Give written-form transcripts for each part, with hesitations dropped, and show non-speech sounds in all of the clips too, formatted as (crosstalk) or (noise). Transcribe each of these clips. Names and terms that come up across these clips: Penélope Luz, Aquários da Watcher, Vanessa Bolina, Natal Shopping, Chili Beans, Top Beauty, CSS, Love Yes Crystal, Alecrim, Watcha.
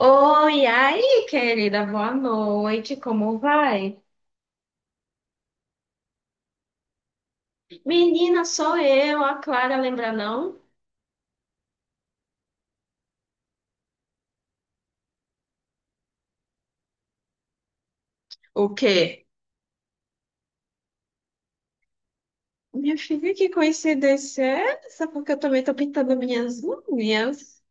Oi, aí, querida, boa noite, como vai? Menina, sou eu, a Clara, lembra não? O quê? Minha filha, que coincidência é essa? Porque eu também tô pintando minhas unhas.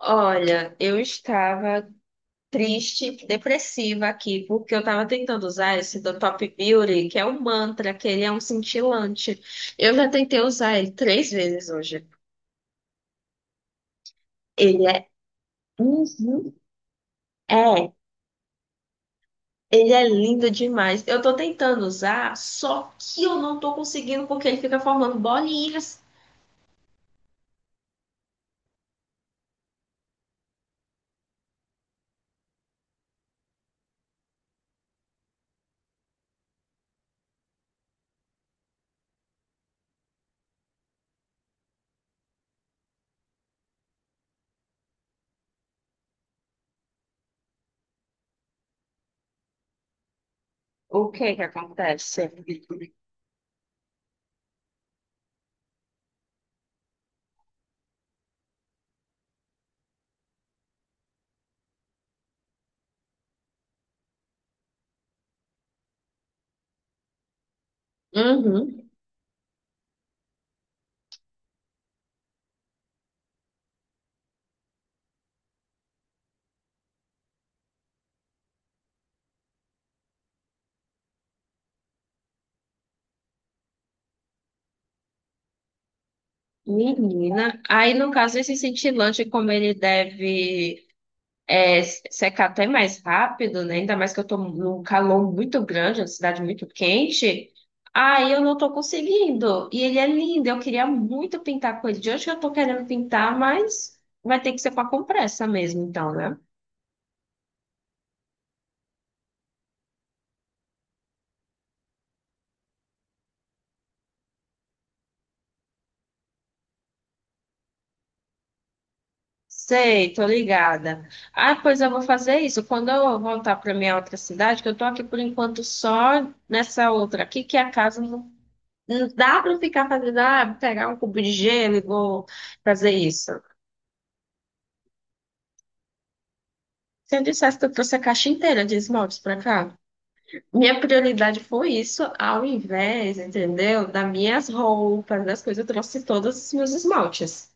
Olha, eu estava triste, depressiva aqui, porque eu estava tentando usar esse do Top Beauty, que é um mantra, que ele é um cintilante. Eu já tentei usar ele três vezes hoje. Ele é. Uhum. É. Ele é lindo demais. Eu tô tentando usar, só que eu não tô conseguindo porque ele fica formando bolinhas. O que que acontece? Uhum. Menina. Aí, no caso, esse cintilante, como ele deve é, secar até mais rápido, né? Ainda mais que eu tô num calor muito grande, uma cidade muito quente. Aí eu não tô conseguindo. E ele é lindo. Eu queria muito pintar com ele. De hoje que eu tô querendo pintar, mas vai ter que ser com a compressa mesmo, então, né? Sei, tô ligada. Ah, pois eu vou fazer isso. Quando eu voltar para minha outra cidade, que eu tô aqui por enquanto só nessa outra aqui, que é a casa não, não dá para ficar fazendo, ah, pegar um cubo de gelo e vou fazer isso. Se eu dissesse que eu trouxe a caixa inteira de esmaltes para cá, minha prioridade foi isso, ao invés, entendeu? Das minhas roupas, das coisas, eu trouxe todos os meus esmaltes.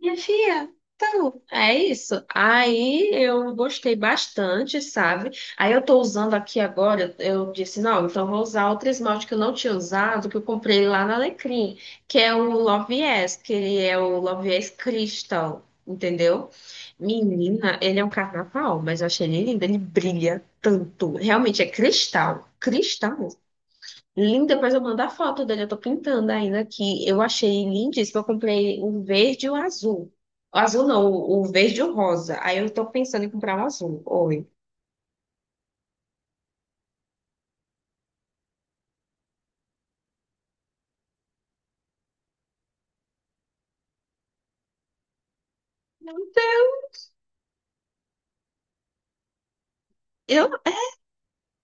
Minha filha, então, é isso. Aí eu gostei bastante, sabe? Aí eu tô usando aqui agora, eu disse, não, então eu vou usar outro esmalte que eu não tinha usado, que eu comprei lá na Alecrim, que é o Love Yes, que ele é o Love Yes Crystal, entendeu? Menina, ele é um carnaval, mas eu achei ele lindo, ele brilha tanto. Realmente é cristal, cristal. Lindo, depois eu mando a foto dele. Eu tô pintando ainda aqui. Eu achei lindíssimo. Eu comprei o verde e o azul. O azul não, o verde e o rosa. Aí eu tô pensando em comprar um azul. Oi. Não tem- Eu,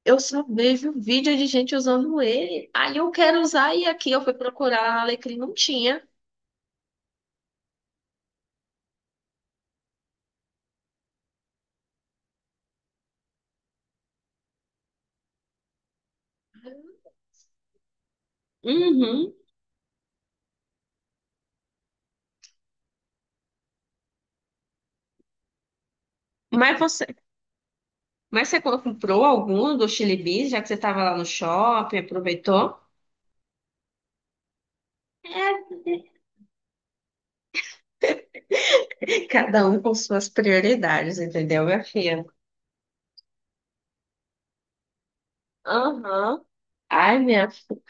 eu só vejo vídeo de gente usando ele. Aí eu quero usar e aqui eu fui procurar lá na Alecrim, não tinha. Uhum. Mas você, mas você comprou algum do Chili Beans, já que você estava lá no shopping, aproveitou? É, (laughs) cada um com suas prioridades, entendeu, minha filha? Aham. Ai, minha filha,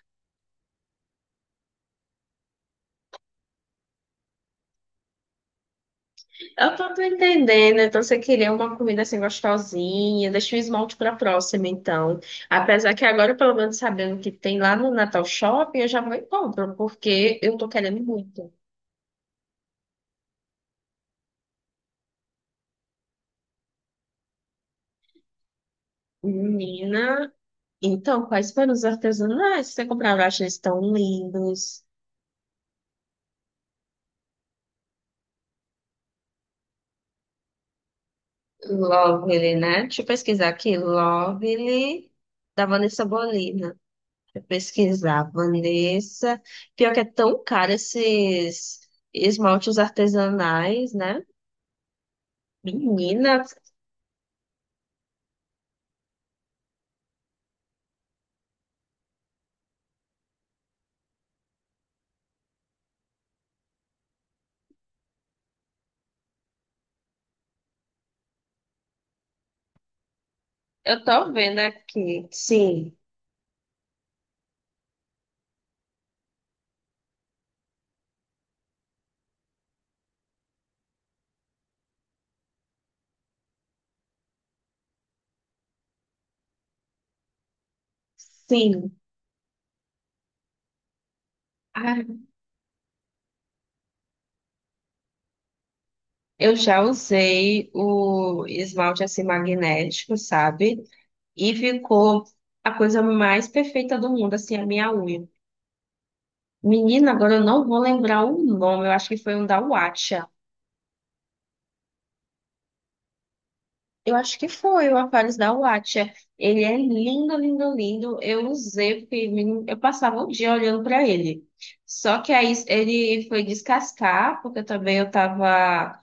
eu tô entendendo. Então, você queria uma comida assim gostosinha. Deixa o esmalte pra próxima, então. Apesar que agora, pelo menos sabendo que tem lá no Natal Shopping, eu já vou e compro, porque eu tô querendo muito. Menina, então, quais foram os artesanais que você comprou? Eu acho eles tão lindos. Lovely, né? Deixa eu pesquisar aqui. Lovely, da Vanessa Bolina. Pesquisar, Vanessa. Pior que é tão caro esses esmaltes artesanais, né? Menina, eu tô vendo aqui. Sim, sim. Ai, eu já usei o esmalte assim magnético, sabe? E ficou a coisa mais perfeita do mundo, assim, a minha unha. Menina, agora eu não vou lembrar o nome, eu acho que foi um da Watcha. Eu acho que foi o Aquários da Watcher. Ele é lindo, lindo, lindo. Eu usei, porque menino, eu passava o dia olhando para ele. Só que aí ele foi descascar, porque também eu tava.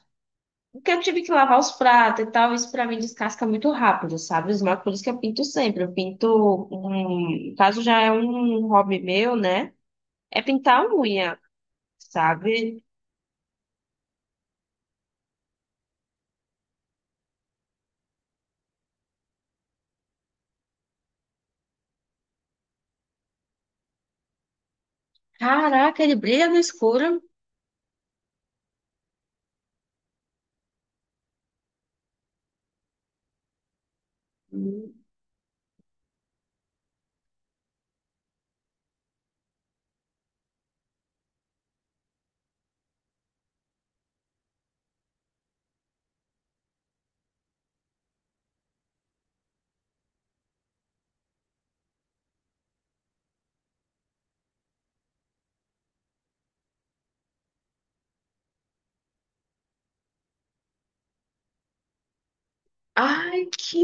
Porque eu tive que lavar os pratos e tal. Isso para mim descasca muito rápido, sabe? Os maquinários por isso que eu pinto sempre. Eu pinto. No caso já é um hobby meu, né? É pintar a unha, sabe? Caraca, ele brilha no escuro. Ai, que.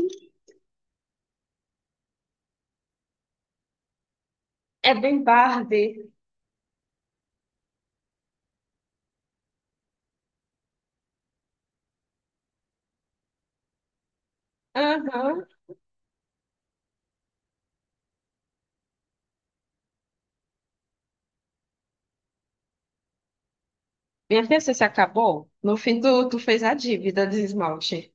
É bem Barbie. Aham. Minha filha, você se acabou? No fim do, Tu fez a dívida de esmalte.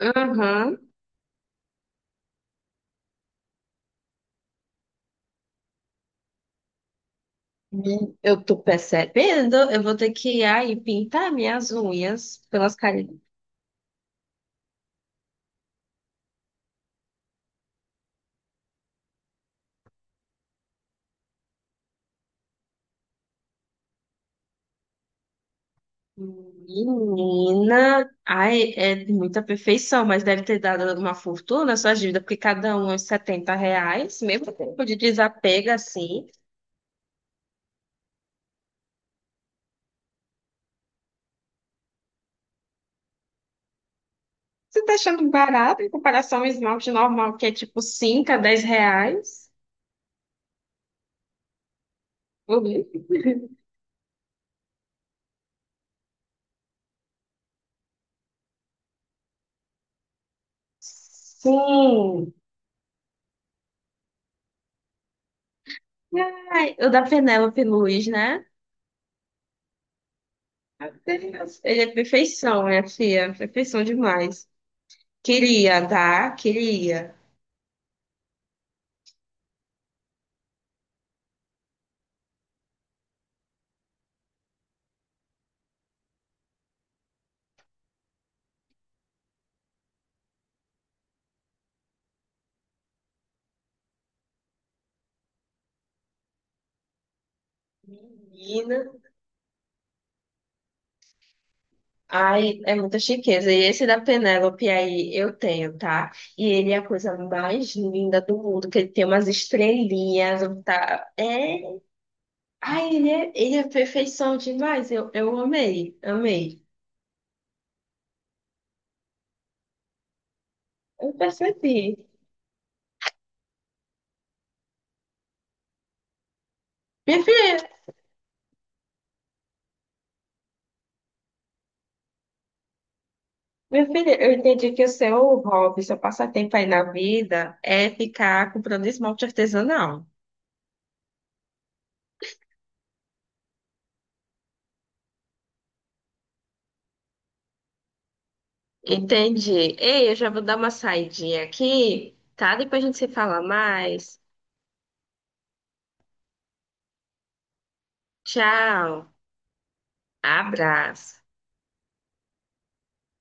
Aham. Eu tô percebendo, eu vou ter que ir aí pintar minhas unhas pelas carinhas. Menina, ai, é de muita perfeição, mas deve ter dado uma fortuna a sua dívida, porque cada um é uns R$ 70, mesmo tempo de desapego assim. Você tá achando barato em comparação ao esmalte normal, que é tipo 5 a 10 reais? Uhum. Sim. Ai, o da Penélope Luz, né? Meu Deus, ele é perfeição, minha filha. Perfeição demais. Queria, tá? Queria. Menina. Ai, é muita chiqueza. E esse da Penélope aí eu tenho, tá? E ele é a coisa mais linda do mundo, que ele tem umas estrelinhas, tá? É. Ai, ele é perfeição demais. Eu amei, amei. Eu percebi. Minha filha, Meu filho, eu entendi que o seu hobby, seu passatempo aí na vida é ficar comprando esmalte artesanal. Entendi. Ei, eu já vou dar uma saidinha aqui, tá? Depois a gente se fala mais. Tchau. Abraço.